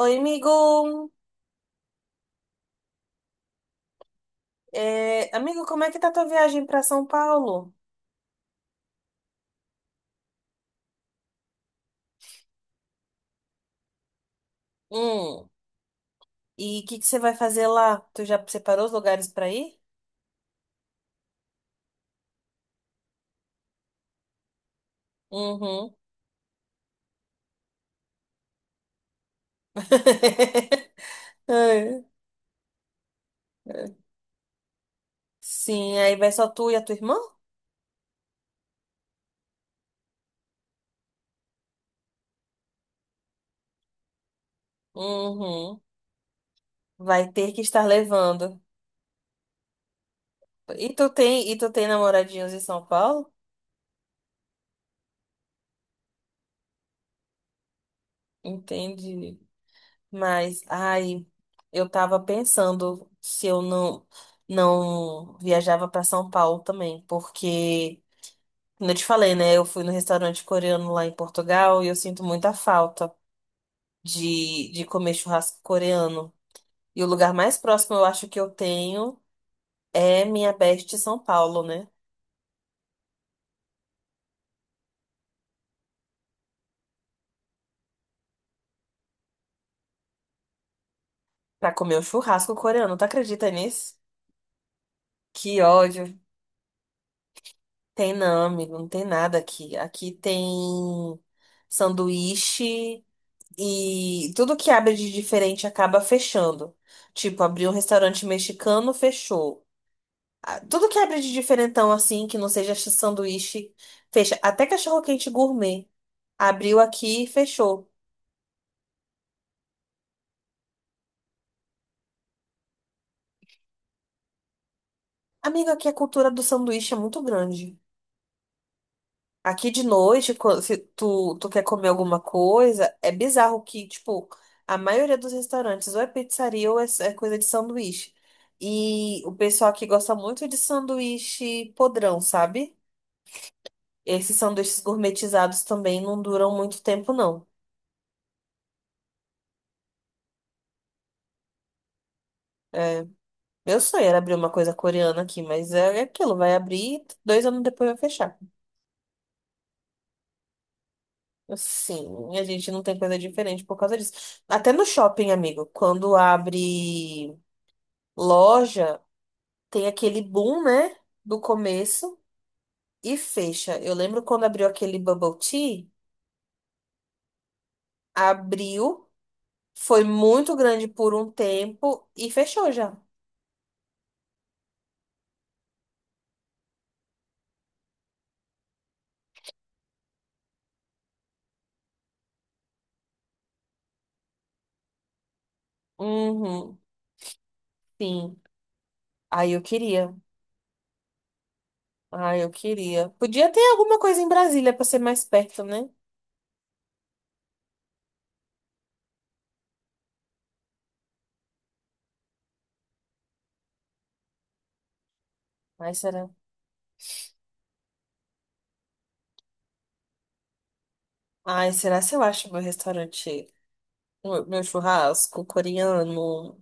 Oi, amigo. É, amigo, como é que tá tua viagem pra São Paulo? Hum. E o que que você vai fazer lá? Tu já separou os lugares pra ir? Uhum. Ai, ai. Sim, aí vai só tu e a tua irmã? Uhum. Vai ter que estar levando. E tu tem namoradinhos em São Paulo? Entendi. Mas, ai, eu tava pensando se eu não viajava para São Paulo também, porque, como eu te falei, né? Eu fui no restaurante coreano lá em Portugal e eu sinto muita falta de comer churrasco coreano. E o lugar mais próximo eu acho que eu tenho é minha best São Paulo, né? Pra comer o churrasco coreano. Tu acredita nisso? Que ódio. Tem não, amigo, não tem nada aqui. Aqui tem sanduíche e tudo que abre de diferente acaba fechando. Tipo, abriu um restaurante mexicano, fechou. Ah, tudo que abre de diferentão assim, que não seja sanduíche, fecha. Até cachorro-quente gourmet. Abriu aqui e fechou. Amigo, aqui a cultura do sanduíche é muito grande. Aqui de noite, se tu quer comer alguma coisa, é bizarro que, tipo, a maioria dos restaurantes ou é pizzaria ou é coisa de sanduíche. E o pessoal aqui gosta muito de sanduíche podrão, sabe? Esses sanduíches gourmetizados também não duram muito tempo, não. Meu sonho era abrir uma coisa coreana aqui, mas é aquilo, vai abrir e 2 anos depois vai fechar. Assim, a gente não tem coisa diferente por causa disso. Até no shopping, amigo, quando abre loja, tem aquele boom, né? Do começo e fecha. Eu lembro quando abriu aquele bubble tea, abriu, foi muito grande por um tempo e fechou já. Uhum, sim. Aí eu queria. Ai, eu queria. Podia ter alguma coisa em Brasília pra ser mais perto, né? Ai, será? Ai, será se eu acho meu restaurante, meu churrasco coreano?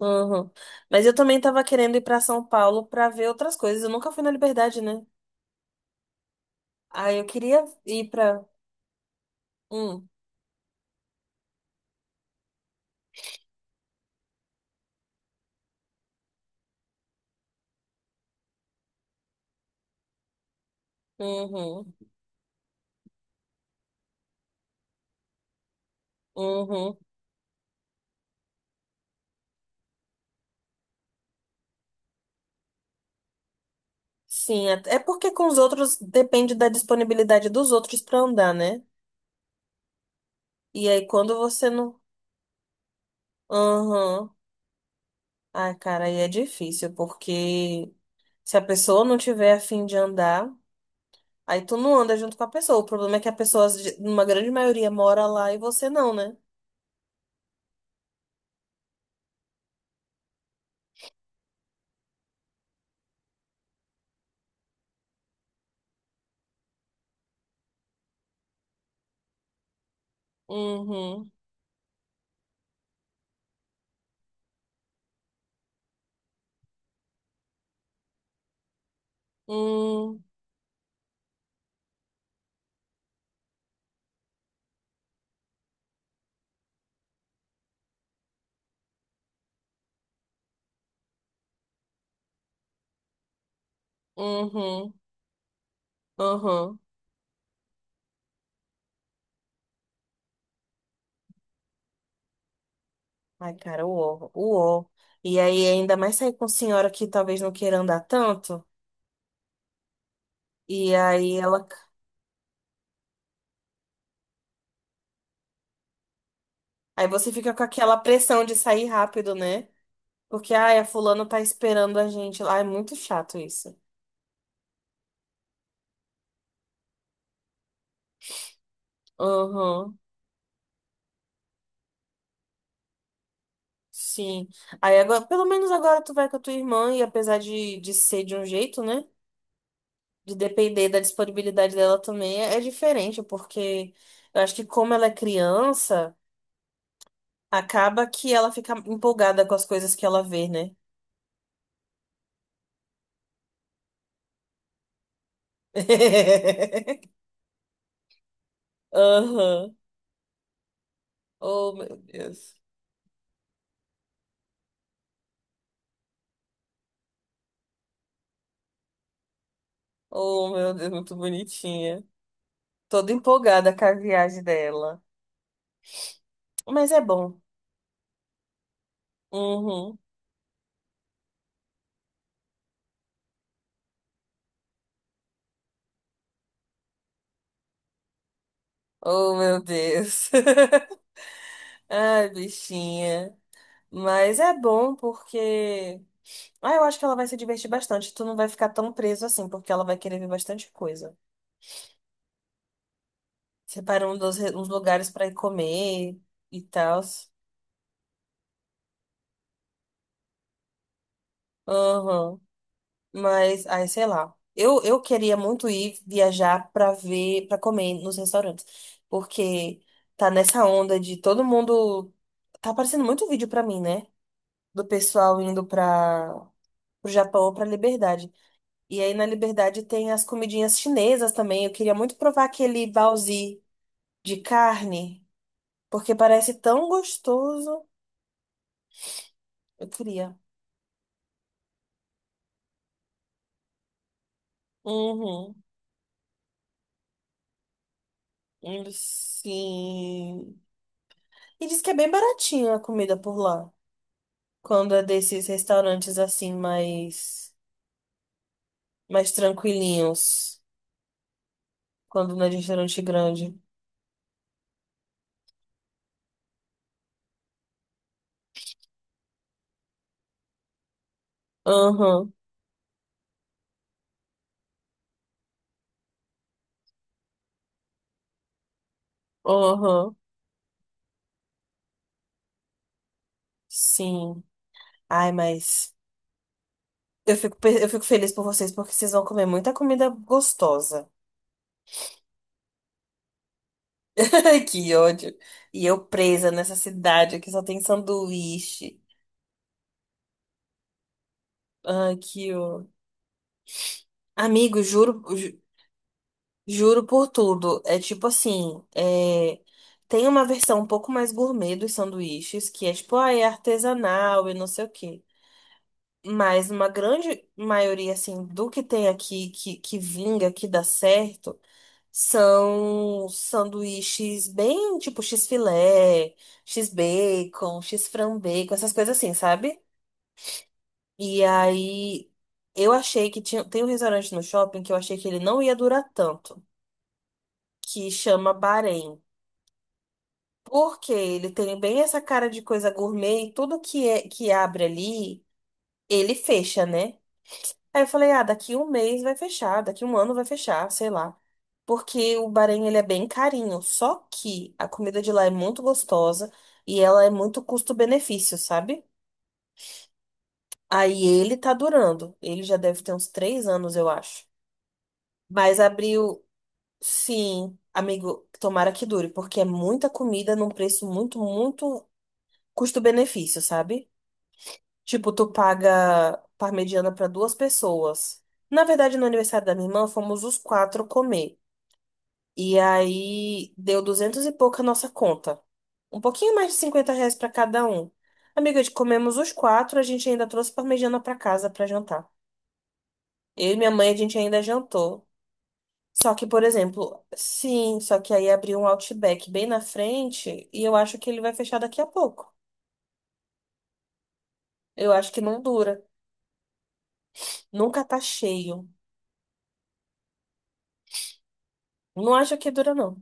Uhum. Mas eu também tava querendo ir pra São Paulo pra ver outras coisas. Eu nunca fui na Liberdade, né? Aí eu queria ir pra. Hum, uhum, uhum. Sim, é porque com os outros depende da disponibilidade dos outros pra andar, né? E aí quando você não. Uhum. Ai, cara, aí é difícil, porque se a pessoa não tiver a fim de andar. Aí tu não anda junto com a pessoa. O problema é que a pessoa, numa grande maioria, mora lá e você não, né? Uhum. Hum. Uhum. Uhum. Ai, cara, o ó, o uó. E aí ainda mais sair com senhora que talvez não queira andar tanto. E aí ela. Aí você fica com aquela pressão de sair rápido, né? Porque, ai, a fulana tá esperando a gente lá. É muito chato isso. Uhum. Sim. Aí agora, pelo menos agora tu vai com a tua irmã, e apesar de ser de um jeito, né? De depender da disponibilidade dela também é diferente, porque eu acho que como ela é criança, acaba que ela fica empolgada com as coisas que ela vê, né? Aham. Oh, meu Deus. Oh, meu Deus, muito bonitinha. Toda empolgada com a viagem dela. Mas é bom. Uhum. Oh, meu Deus. Ai, bichinha. Mas é bom porque, ah, eu acho que ela vai se divertir bastante. Tu não vai ficar tão preso assim, porque ela vai querer ver bastante coisa. Separando uns, uns lugares pra ir comer e tal. Aham. Mas, ai, sei lá. Eu queria muito ir viajar pra ver, pra comer nos restaurantes. Porque tá nessa onda de todo mundo. Tá aparecendo muito vídeo pra mim, né? Do pessoal indo pra. Pro Japão ou pra Liberdade. E aí na Liberdade tem as comidinhas chinesas também. Eu queria muito provar aquele baozi de carne, porque parece tão gostoso. Eu queria. Uhum. Sim. E diz que é bem baratinha a comida por lá. Quando é desses restaurantes assim mais mais tranquilinhos, quando não é de restaurante grande. Aham. Aham. Sim. Ai, mas eu fico eu fico feliz por vocês porque vocês vão comer muita comida gostosa. Ai, que ódio. E eu presa nessa cidade que só tem sanduíche. Ai, que o... Amigo, juro, juro por tudo. É tipo assim, é, tem uma versão um pouco mais gourmet dos sanduíches, que é tipo, ah, é artesanal e não sei o quê. Mas uma grande maioria, assim, do que tem aqui, que vinga, que dá certo, são sanduíches bem, tipo, x-filé, x-bacon, x-frambacon, essas coisas assim, sabe? E aí eu achei que tinha, tem um restaurante no shopping que eu achei que ele não ia durar tanto, que chama Bahrein. Porque ele tem bem essa cara de coisa gourmet e tudo que é que abre ali, ele fecha, né? Aí eu falei, ah, daqui um mês vai fechar, daqui um ano vai fechar, sei lá. Porque o Bahrein, ele é bem carinho, só que a comida de lá é muito gostosa e ela é muito custo-benefício, sabe? Aí ele tá durando, ele já deve ter uns 3 anos, eu acho. Mas abriu. Sim, amigo, tomara que dure, porque é muita comida num preço muito, muito custo-benefício, sabe? Tipo, tu paga parmegiana para duas pessoas. Na verdade, no aniversário da minha irmã, fomos os quatro comer. E aí deu duzentos e pouco a nossa conta. Um pouquinho mais de R$ 50 para cada um. Amiga, comemos os quatro, a gente ainda trouxe parmegiana para casa para jantar. Eu e minha mãe, a gente ainda jantou. Só que, por exemplo, sim, só que aí abriu um Outback bem na frente e eu acho que ele vai fechar daqui a pouco. Eu acho que não dura. Nunca tá cheio. Não acho que dura, não.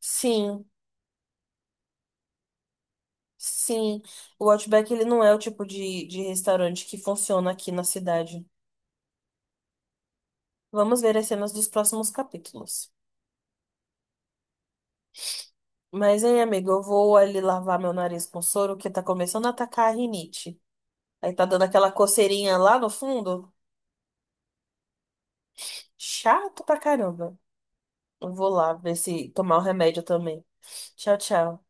Sim, sim. O Outback, ele não é o tipo de restaurante que funciona aqui na cidade. Vamos ver as cenas dos próximos capítulos. Mas, hein, amigo, eu vou ali lavar meu nariz com soro, que tá começando a atacar a rinite. Aí tá dando aquela coceirinha lá no fundo. Chato pra caramba. Eu vou lá ver se tomar o remédio também. Tchau, tchau.